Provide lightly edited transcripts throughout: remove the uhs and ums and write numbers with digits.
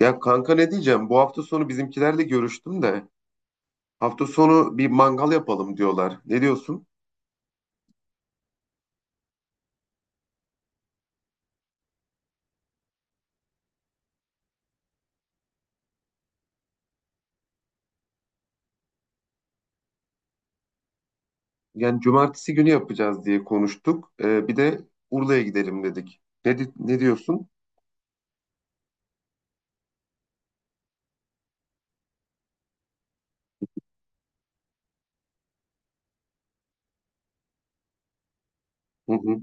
Ya kanka ne diyeceğim? Bu hafta sonu bizimkilerle görüştüm de hafta sonu bir mangal yapalım diyorlar. Ne diyorsun? Yani cumartesi günü yapacağız diye konuştuk. Bir de Urla'ya gidelim dedik. Ne diyorsun? Hı hı.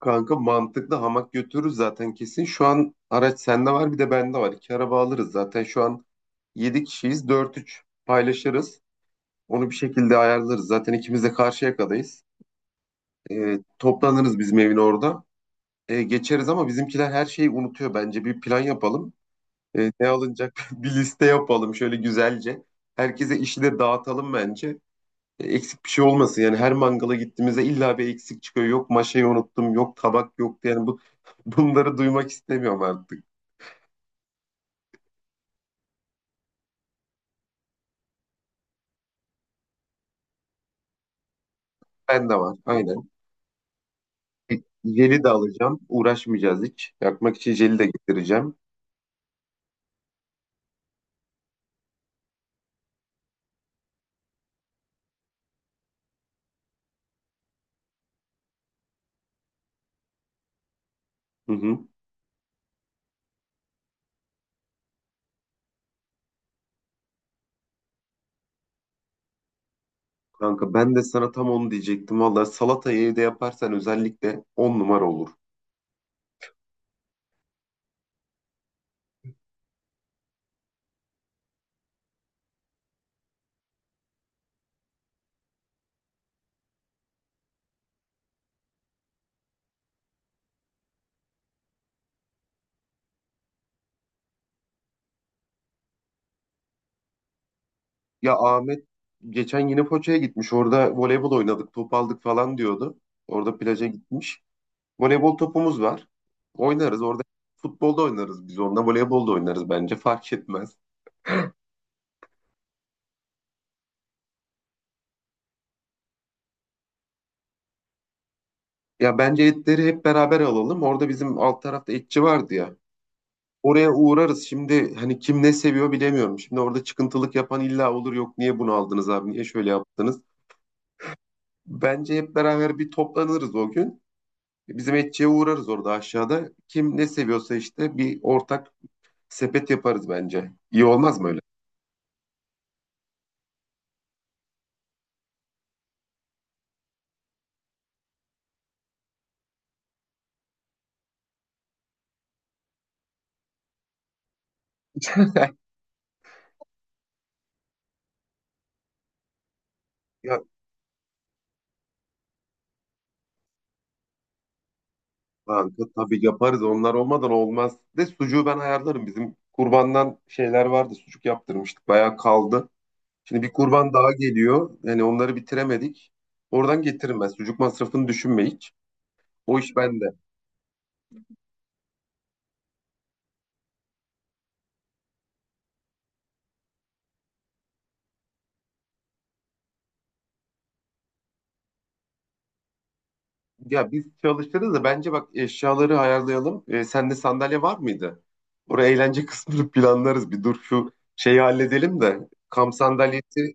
Kanka mantıklı, hamak götürürüz zaten kesin. Şu an araç sende var, bir de bende var. İki araba alırız zaten. Şu an 7 kişiyiz, dört üç paylaşırız. Onu bir şekilde ayarlarız. Zaten ikimiz de Karşıyaka'dayız. Toplanırız bizim evin orada. Geçeriz ama bizimkiler her şeyi unutuyor. Bence bir plan yapalım. Ne alınacak bir liste yapalım şöyle güzelce. Herkese işi de dağıtalım bence. Eksik bir şey olmasın. Yani her mangala gittiğimizde illa bir eksik çıkıyor. Yok maşayı unuttum, yok tabak yoktu. Yani bu bunları duymak istemiyorum artık. Ben de var. Aynen. E, Jeli de alacağım. Uğraşmayacağız hiç. Yakmak için jeli de getireceğim. Hı hı. Kanka ben de sana tam onu diyecektim. Vallahi salatayı evde yaparsan özellikle on numara olur. Ya Ahmet geçen yine Foça'ya gitmiş. Orada voleybol oynadık, top aldık falan diyordu. Orada plaja gitmiş. Voleybol topumuz var. Oynarız orada. Futbolda oynarız biz onunla. Voleybolda oynarız bence. Fark etmez. Ya bence etleri hep beraber alalım. Orada bizim alt tarafta etçi vardı ya. Oraya uğrarız. Şimdi hani kim ne seviyor bilemiyorum. Şimdi orada çıkıntılık yapan illa olur. Yok niye bunu aldınız abi? Niye şöyle yaptınız? Bence hep beraber bir toplanırız o gün. Bizim etçiye uğrarız orada aşağıda. Kim ne seviyorsa işte bir ortak sepet yaparız bence. İyi olmaz mı öyle? Ya kanka tabii yaparız. Onlar olmadan olmaz. De sucuğu ben ayarlarım. Bizim kurbandan şeyler vardı. Sucuk yaptırmıştık. Bayağı kaldı. Şimdi bir kurban daha geliyor. Yani onları bitiremedik. Oradan getiririm ben. Sucuk masrafını düşünme hiç. O iş bende. Ya biz çalışırız da bence bak eşyaları ayarlayalım. Sende sandalye var mıydı? Oraya eğlence kısmını planlarız. Bir dur şu şeyi halledelim de. Kamp sandalyesi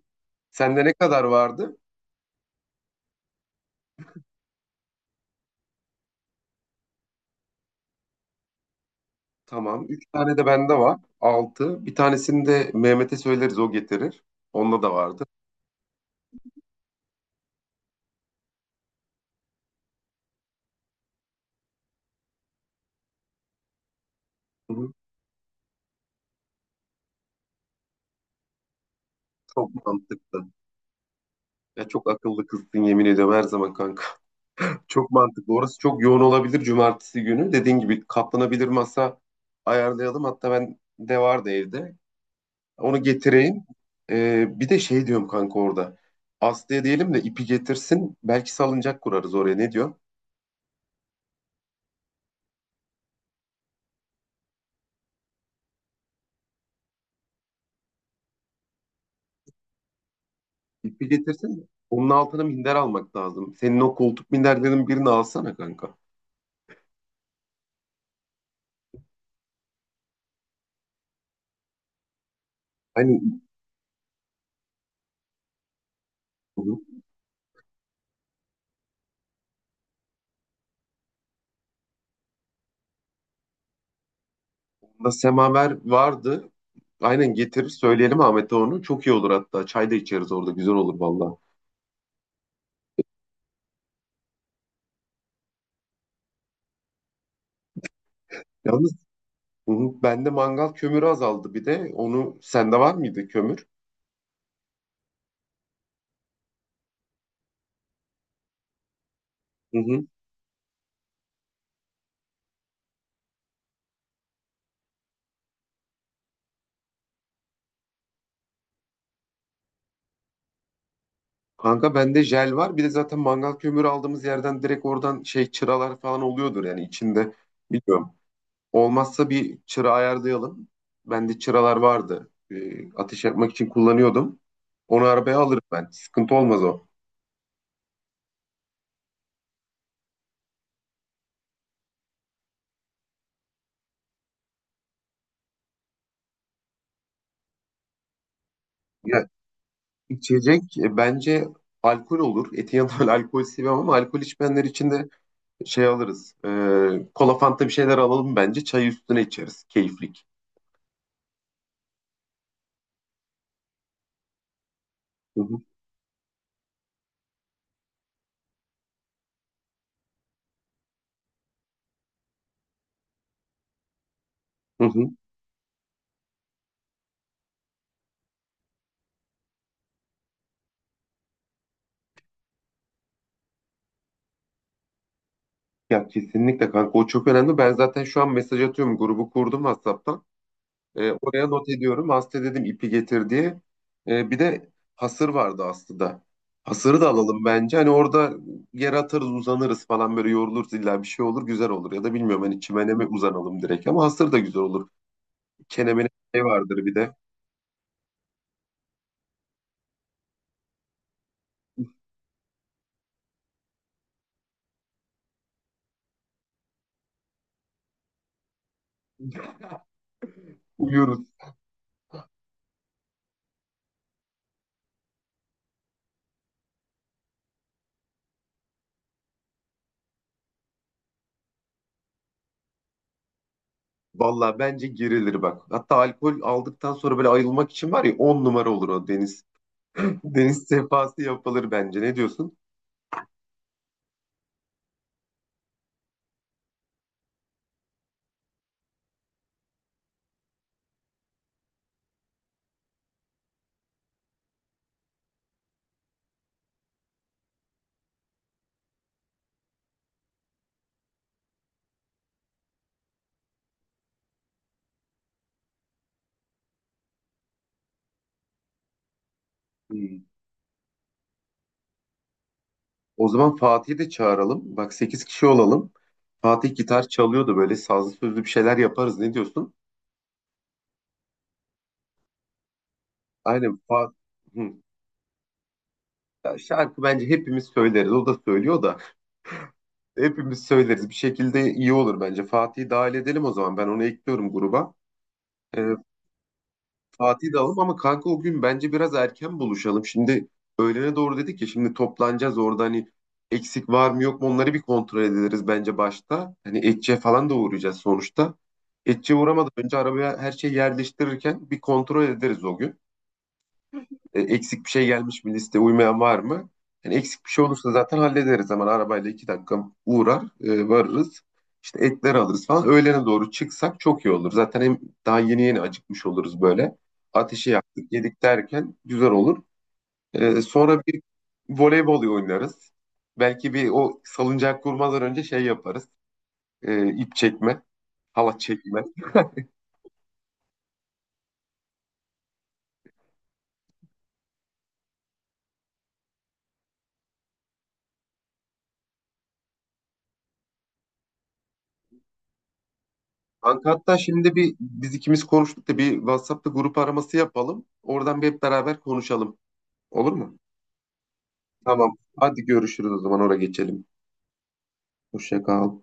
sende ne kadar vardı? Tamam. 3 tane de bende var. Altı. Bir tanesini de Mehmet'e söyleriz, o getirir. Onda da vardı. Hı hı. Çok mantıklı. Ya çok akıllı kızsın yemin ediyorum her zaman kanka. Çok mantıklı. Orası çok yoğun olabilir cumartesi günü. Dediğin gibi katlanabilir masa ayarlayalım. Hatta ben de vardı evde. Onu getireyim. Bir de şey diyorum kanka orada. Aslı'ya diyelim de ipi getirsin. Belki salıncak kurarız oraya. Ne diyor? İpi getirsin de onun altına minder almak lazım. Senin o koltuk minderlerin birini alsana kanka. Hani da semaver vardı. Aynen getirir, söyleyelim Ahmet'e onu. Çok iyi olur hatta. Çay da içeriz orada. Güzel olur valla. Yalnız hı hı, bende mangal kömürü azaldı bir de. Onu sende var mıydı, kömür? Hı hı. Kanka bende jel var. Bir de zaten mangal kömürü aldığımız yerden direkt oradan şey çıralar falan oluyordur yani içinde. Biliyorum. Olmazsa bir çıra ayarlayalım. Bende çıralar vardı. Ateş yakmak için kullanıyordum. Onu arabaya alırım ben. Sıkıntı olmaz o. Ya içecek bence alkol olur. Etin yanında öyle alkol seviyorum ama alkol içmeyenler için de şey alırız. Kola, fanta, bir şeyler alalım bence. Çayı üstüne içeriz. Keyiflik. Hı hı. Hı hı. Ya kesinlikle kanka, o çok önemli. Ben zaten şu an mesaj atıyorum. Grubu kurdum WhatsApp'tan. Oraya not ediyorum. Aslı dedim ipi getir diye. Bir de hasır vardı Aslı'da. Hasırı da alalım bence. Hani orada yer atarız, uzanırız falan, böyle yoruluruz, illa bir şey olur, güzel olur. Ya da bilmiyorum hani çimene mi uzanalım direkt, ama hasır da güzel olur. Kenemenin şey vardır bir de. Uyuruz. Valla bence girilir bak. Hatta alkol aldıktan sonra böyle ayılmak için var ya, 10 numara olur o deniz. Deniz sefası yapılır bence. Ne diyorsun? O zaman Fatih'i de çağıralım. Bak, 8 kişi olalım. Fatih gitar çalıyordu, böyle sazlı sözlü bir şeyler yaparız. Ne diyorsun? Aynen Fatih. Şarkı bence hepimiz söyleriz. O da söylüyor da hepimiz söyleriz. Bir şekilde iyi olur bence. Fatih'i dahil edelim o zaman. Ben onu ekliyorum gruba. Ee, Fatih'i de alalım ama kanka o gün bence biraz erken buluşalım. Şimdi öğlene doğru dedik ya, şimdi toplanacağız orada, hani eksik var mı yok mu onları bir kontrol ederiz bence başta. Hani Etçe falan da uğrayacağız sonuçta. Etçe uğramadan önce arabaya her şeyi yerleştirirken bir kontrol ederiz o gün. Eksik bir şey gelmiş mi, liste uymayan var mı? Yani eksik bir şey olursa zaten hallederiz hemen, arabayla 2 dakika uğrar varırız. İşte etler alırız falan. Öğlene doğru çıksak çok iyi olur. Zaten hem daha yeni yeni acıkmış oluruz böyle. Ateşi yaktık, yedik derken güzel olur. Sonra bir voleybol oynarız. Belki bir o salıncak kurmadan önce şey yaparız. İp çekme, halat çekme. Kanka hatta şimdi bir biz ikimiz konuştuk da bir WhatsApp'ta grup araması yapalım. Oradan bir hep beraber konuşalım. Olur mu? Tamam. Hadi görüşürüz o zaman. Oraya geçelim. Hoşça kal.